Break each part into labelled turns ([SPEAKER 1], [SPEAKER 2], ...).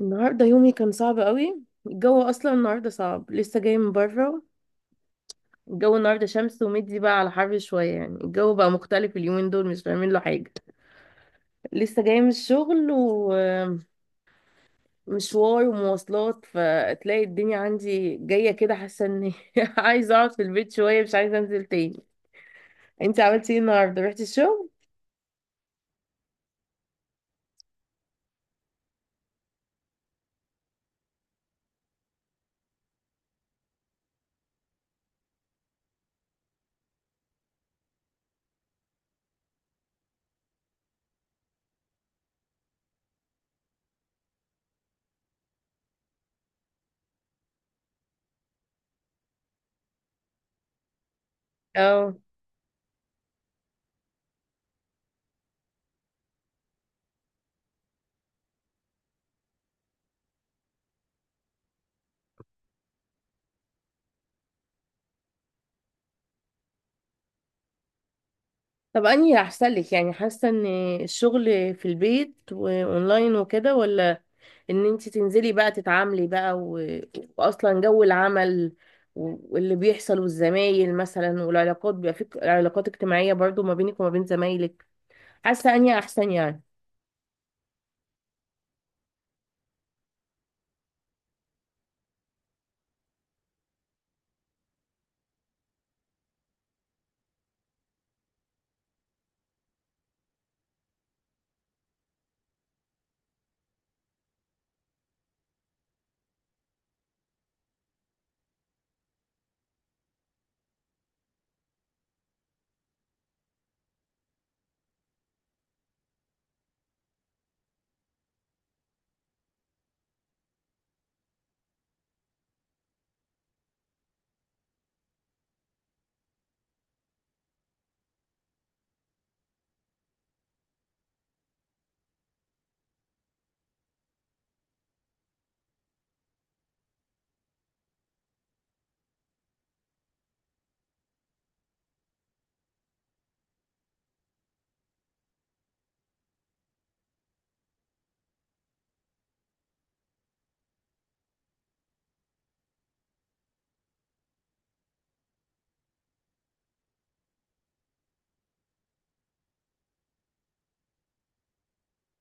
[SPEAKER 1] النهارده يومي كان صعب قوي. الجو اصلا النهارده صعب، لسه جاي من بره. الجو النهارده شمس ومدي بقى على حر شويه، يعني الجو بقى مختلف اليومين دول، مش فاهمين له حاجه. لسه جاي من الشغل ومشوار ومواصلات، فتلاقي الدنيا عندي جايه كده، حاسه اني عايزه اقعد في البيت شويه، مش عايزه انزل تاني. انت عملتي ايه النهارده؟ رحتي الشغل؟ اه. طب انهي احسن لك؟ يعني حاسه ان الشغل في البيت واونلاين وكده، ولا ان انت تنزلي بقى تتعاملي بقى و... واصلا جو العمل واللي بيحصل والزمايل مثلا، والعلاقات بيبقى في علاقات اجتماعية برضو ما بينك وما بين زمايلك، حاسة اني احسن يعني.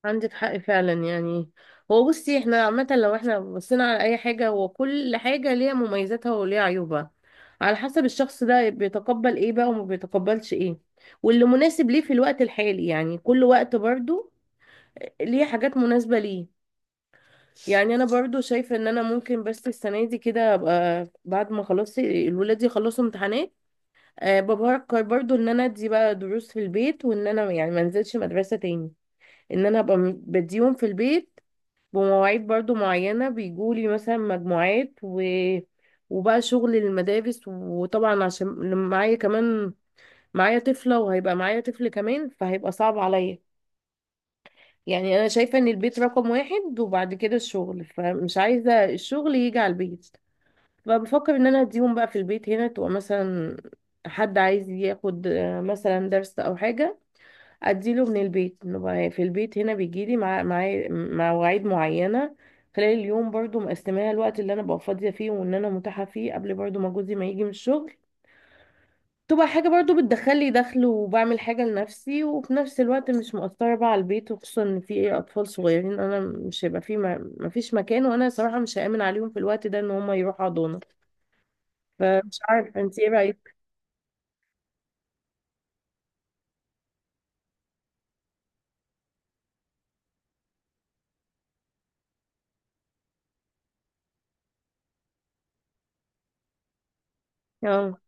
[SPEAKER 1] عندك حق فعلا يعني. هو بصي، احنا عامة لو احنا بصينا على اي حاجة، هو كل حاجة ليها مميزاتها وليها عيوبها، على حسب الشخص ده بيتقبل ايه بقى وما بيتقبلش ايه، واللي مناسب ليه في الوقت الحالي. يعني كل وقت برضو ليه حاجات مناسبة ليه. يعني انا برضو شايفه ان انا ممكن بس السنه دي كده ابقى، بعد ما خلاص الولاد يخلصوا امتحانات، أه، بفكر برضو ان انا ادي بقى دروس في البيت، وان انا يعني ما انزلش مدرسه تاني. ان انا ابقى بديهم في البيت بمواعيد برضو معينه، بيجولي مثلا مجموعات و... وبقى شغل المدارس. وطبعا عشان لما معايا كمان، معايا طفله وهيبقى معايا طفل كمان، فهيبقى صعب عليا. يعني انا شايفه ان البيت رقم واحد وبعد كده الشغل، فمش عايزه الشغل يجي على البيت. فبفكر ان انا اديهم بقى في البيت هنا. تبقى مثلا حد عايز ياخد مثلا درس او حاجه، اديله من البيت، نبقى في البيت هنا، بيجيلي مع مواعيد معينه خلال اليوم، برضو مقسماها الوقت اللي انا ببقى فاضيه فيه وان انا متاحه فيه، قبل برضو ما جوزي ما يجي من الشغل. تبقى حاجه برضو بتدخل لي دخل وبعمل حاجه لنفسي، وفي نفس الوقت مش مؤثره بقى على البيت. وخصوصا ان في ايه اطفال صغيرين، انا مش هيبقى في، ما فيش مكان، وانا صراحه مش هامن عليهم في الوقت ده ان هم يروحوا حضانه. فمش عارفة انت ايه رأيك. اه.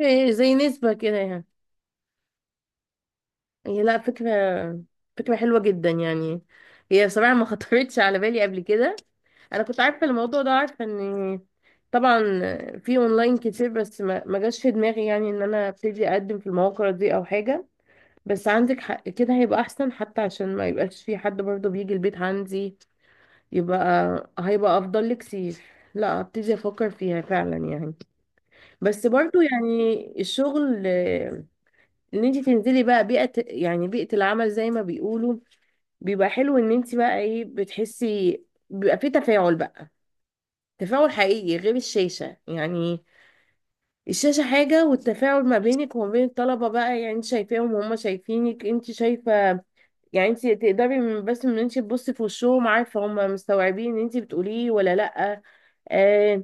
[SPEAKER 1] إيه زي نسبة كده يعني؟ هي لا، فكرة، فكرة حلوة جدا يعني. هي بصراحة ما خطرتش على بالي قبل كده. انا كنت عارفة الموضوع ده، عارفة ان طبعا في اونلاين كتير، بس ما جاش في دماغي يعني ان انا ابتدي اقدم في المواقع دي او حاجة. بس عندك حق، كده هيبقى احسن حتى، عشان ما يبقاش في حد برضه بيجي البيت عندي. يبقى هيبقى افضل لك كتير. لا، ابتدي افكر فيها فعلا يعني. بس برضو يعني الشغل، ان انت تنزلي بقى بيئة، يعني بيئة العمل زي ما بيقولوا، بيبقى حلو ان انت بقى ايه، بتحسي بيبقى في تفاعل بقى، تفاعل حقيقي غير الشاشة يعني. الشاشة حاجة، والتفاعل ما بينك وما بين الطلبة بقى، يعني انت شايفاهم وهم شايفينك، انت شايفة يعني. انت تقدري من بس من انت تبصي في وشهم، عارفة هم مستوعبين ان انت بتقوليه ولا لأ. آه،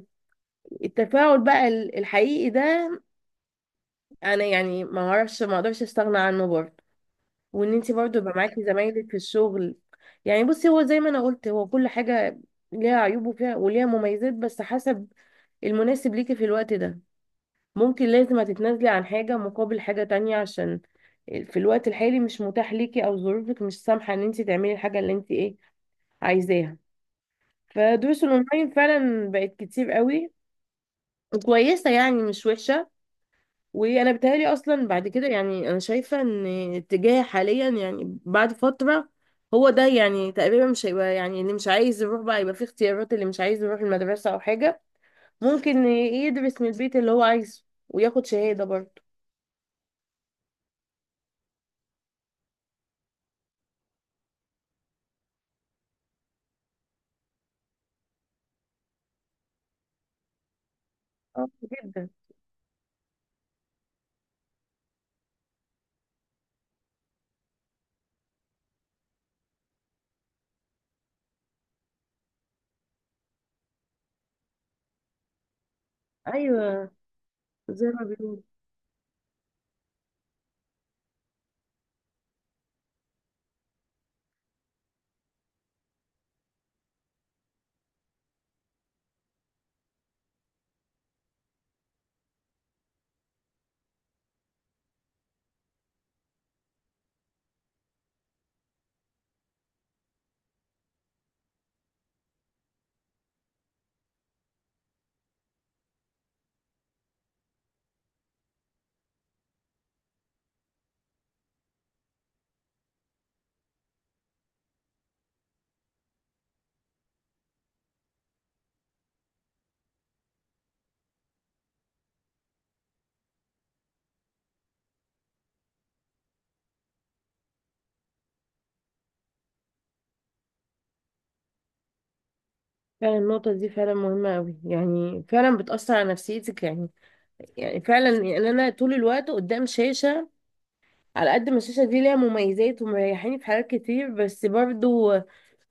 [SPEAKER 1] التفاعل بقى الحقيقي ده، انا يعني ما اعرفش ما اقدرش استغنى عنه برضه. وان انت برضه يبقى معاكي زمايلك في الشغل. يعني بصي، هو زي ما انا قلت، هو كل حاجه ليها عيوب وفيها وليها مميزات، بس حسب المناسب ليكي في الوقت ده. ممكن لازم هتتنازلي عن حاجه مقابل حاجه تانية، عشان في الوقت الحالي مش متاح ليكي، او ظروفك مش سامحه ان انت تعملي الحاجه اللي انت ايه عايزاها. فدروس الاونلاين فعلا بقت كتير قوي وكويسه يعني، مش وحشه. وانا بتهيألي اصلا بعد كده يعني، انا شايفه ان اتجاه حاليا يعني بعد فتره هو ده يعني تقريبا. مش هيبقى يعني اللي مش عايز يروح بقى، يبقى في اختيارات اللي مش عايز يروح المدرسه او حاجه، ممكن يدرس من البيت اللي هو عايزه وياخد شهاده برضه. اه، جدا. ايوه. زي ما بيقولوا. فعلا النقطة دي فعلا مهمة أوي يعني، فعلا بتأثر على نفسيتك يعني. يعني فعلا يعني أنا طول الوقت قدام شاشة، على قد ما الشاشة دي ليها مميزات ومريحاني في حاجات كتير، بس برضو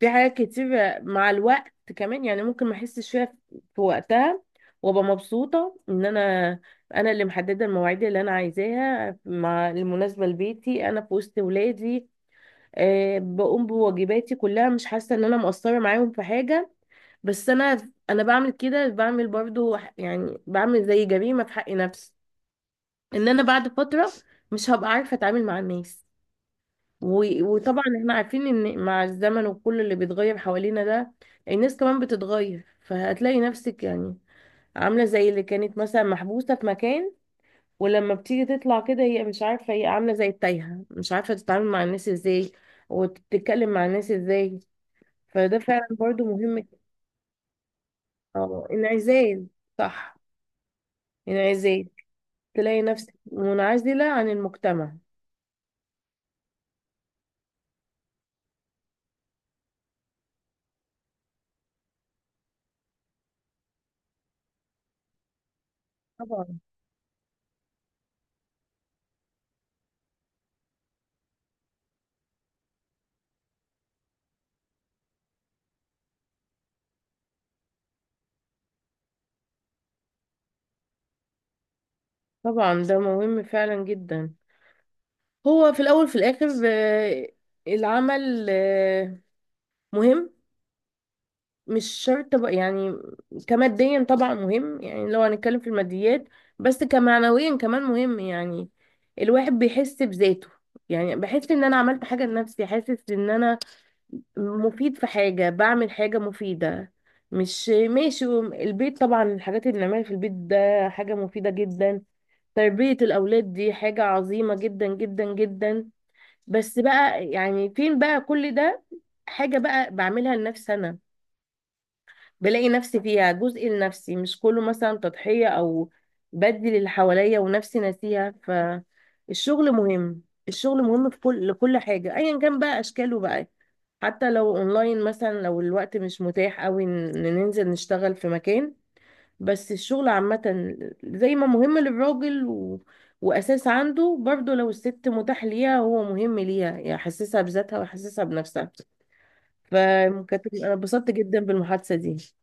[SPEAKER 1] في حاجات كتير مع الوقت كمان يعني، ممكن ما احسش فيها في وقتها. وابقى مبسوطة ان انا، انا اللي محددة المواعيد اللي انا عايزاها، مع المناسبة لبيتي، انا في وسط ولادي، أه، بقوم بواجباتي كلها مش حاسة ان انا مقصرة معاهم في حاجة. بس انا بعمل كده، بعمل برضو يعني بعمل زي جريمة في حق نفسي، ان انا بعد فترة مش هبقى عارفة اتعامل مع الناس. وطبعا احنا عارفين ان مع الزمن وكل اللي بيتغير حوالينا ده، الناس كمان بتتغير. فهتلاقي نفسك يعني عاملة زي اللي كانت مثلا محبوسة في مكان، ولما بتيجي تطلع كده هي مش عارفة، هي عاملة زي التايهة، مش عارفة تتعامل مع الناس ازاي وتتكلم مع الناس ازاي. فده فعلا برضو مهم. اه، انعزال. صح، انعزال، تلاقي نفسك منعزلة عن المجتمع. طبعا. طبعا ده مهم فعلا جدا. هو في الأول في الآخر، العمل، مهم. مش شرط بقى يعني كماديا، طبعا مهم يعني لو هنتكلم في الماديات، بس كمعنويا كمان مهم يعني. الواحد بيحس بذاته، يعني بحس ان انا عملت حاجة لنفسي، حاسس ان انا مفيد في حاجة، بعمل حاجة مفيدة، مش ماشي البيت. طبعا الحاجات اللي بنعملها في البيت ده حاجة مفيدة جدا، تربية الأولاد دي حاجة عظيمة جدا جدا جدا. بس بقى يعني فين بقى كل ده، حاجة بقى بعملها لنفسي أنا، بلاقي نفسي فيها، جزء لنفسي مش كله مثلا تضحية، أو بدي اللي حواليا ونفسي ناسيها. فالشغل مهم، الشغل مهم في كل، لكل حاجة أيا كان بقى أشكاله بقى. حتى لو أونلاين مثلا، لو الوقت مش متاح أوي إن ننزل نشتغل في مكان. بس الشغل عامة زي ما مهم للراجل و... وأساس عنده، برضه لو الست متاح ليها هو مهم ليها، يحسسها بذاتها ويحسسها بنفسها. فكانت أنا اتبسطت جدا بالمحادثة دي.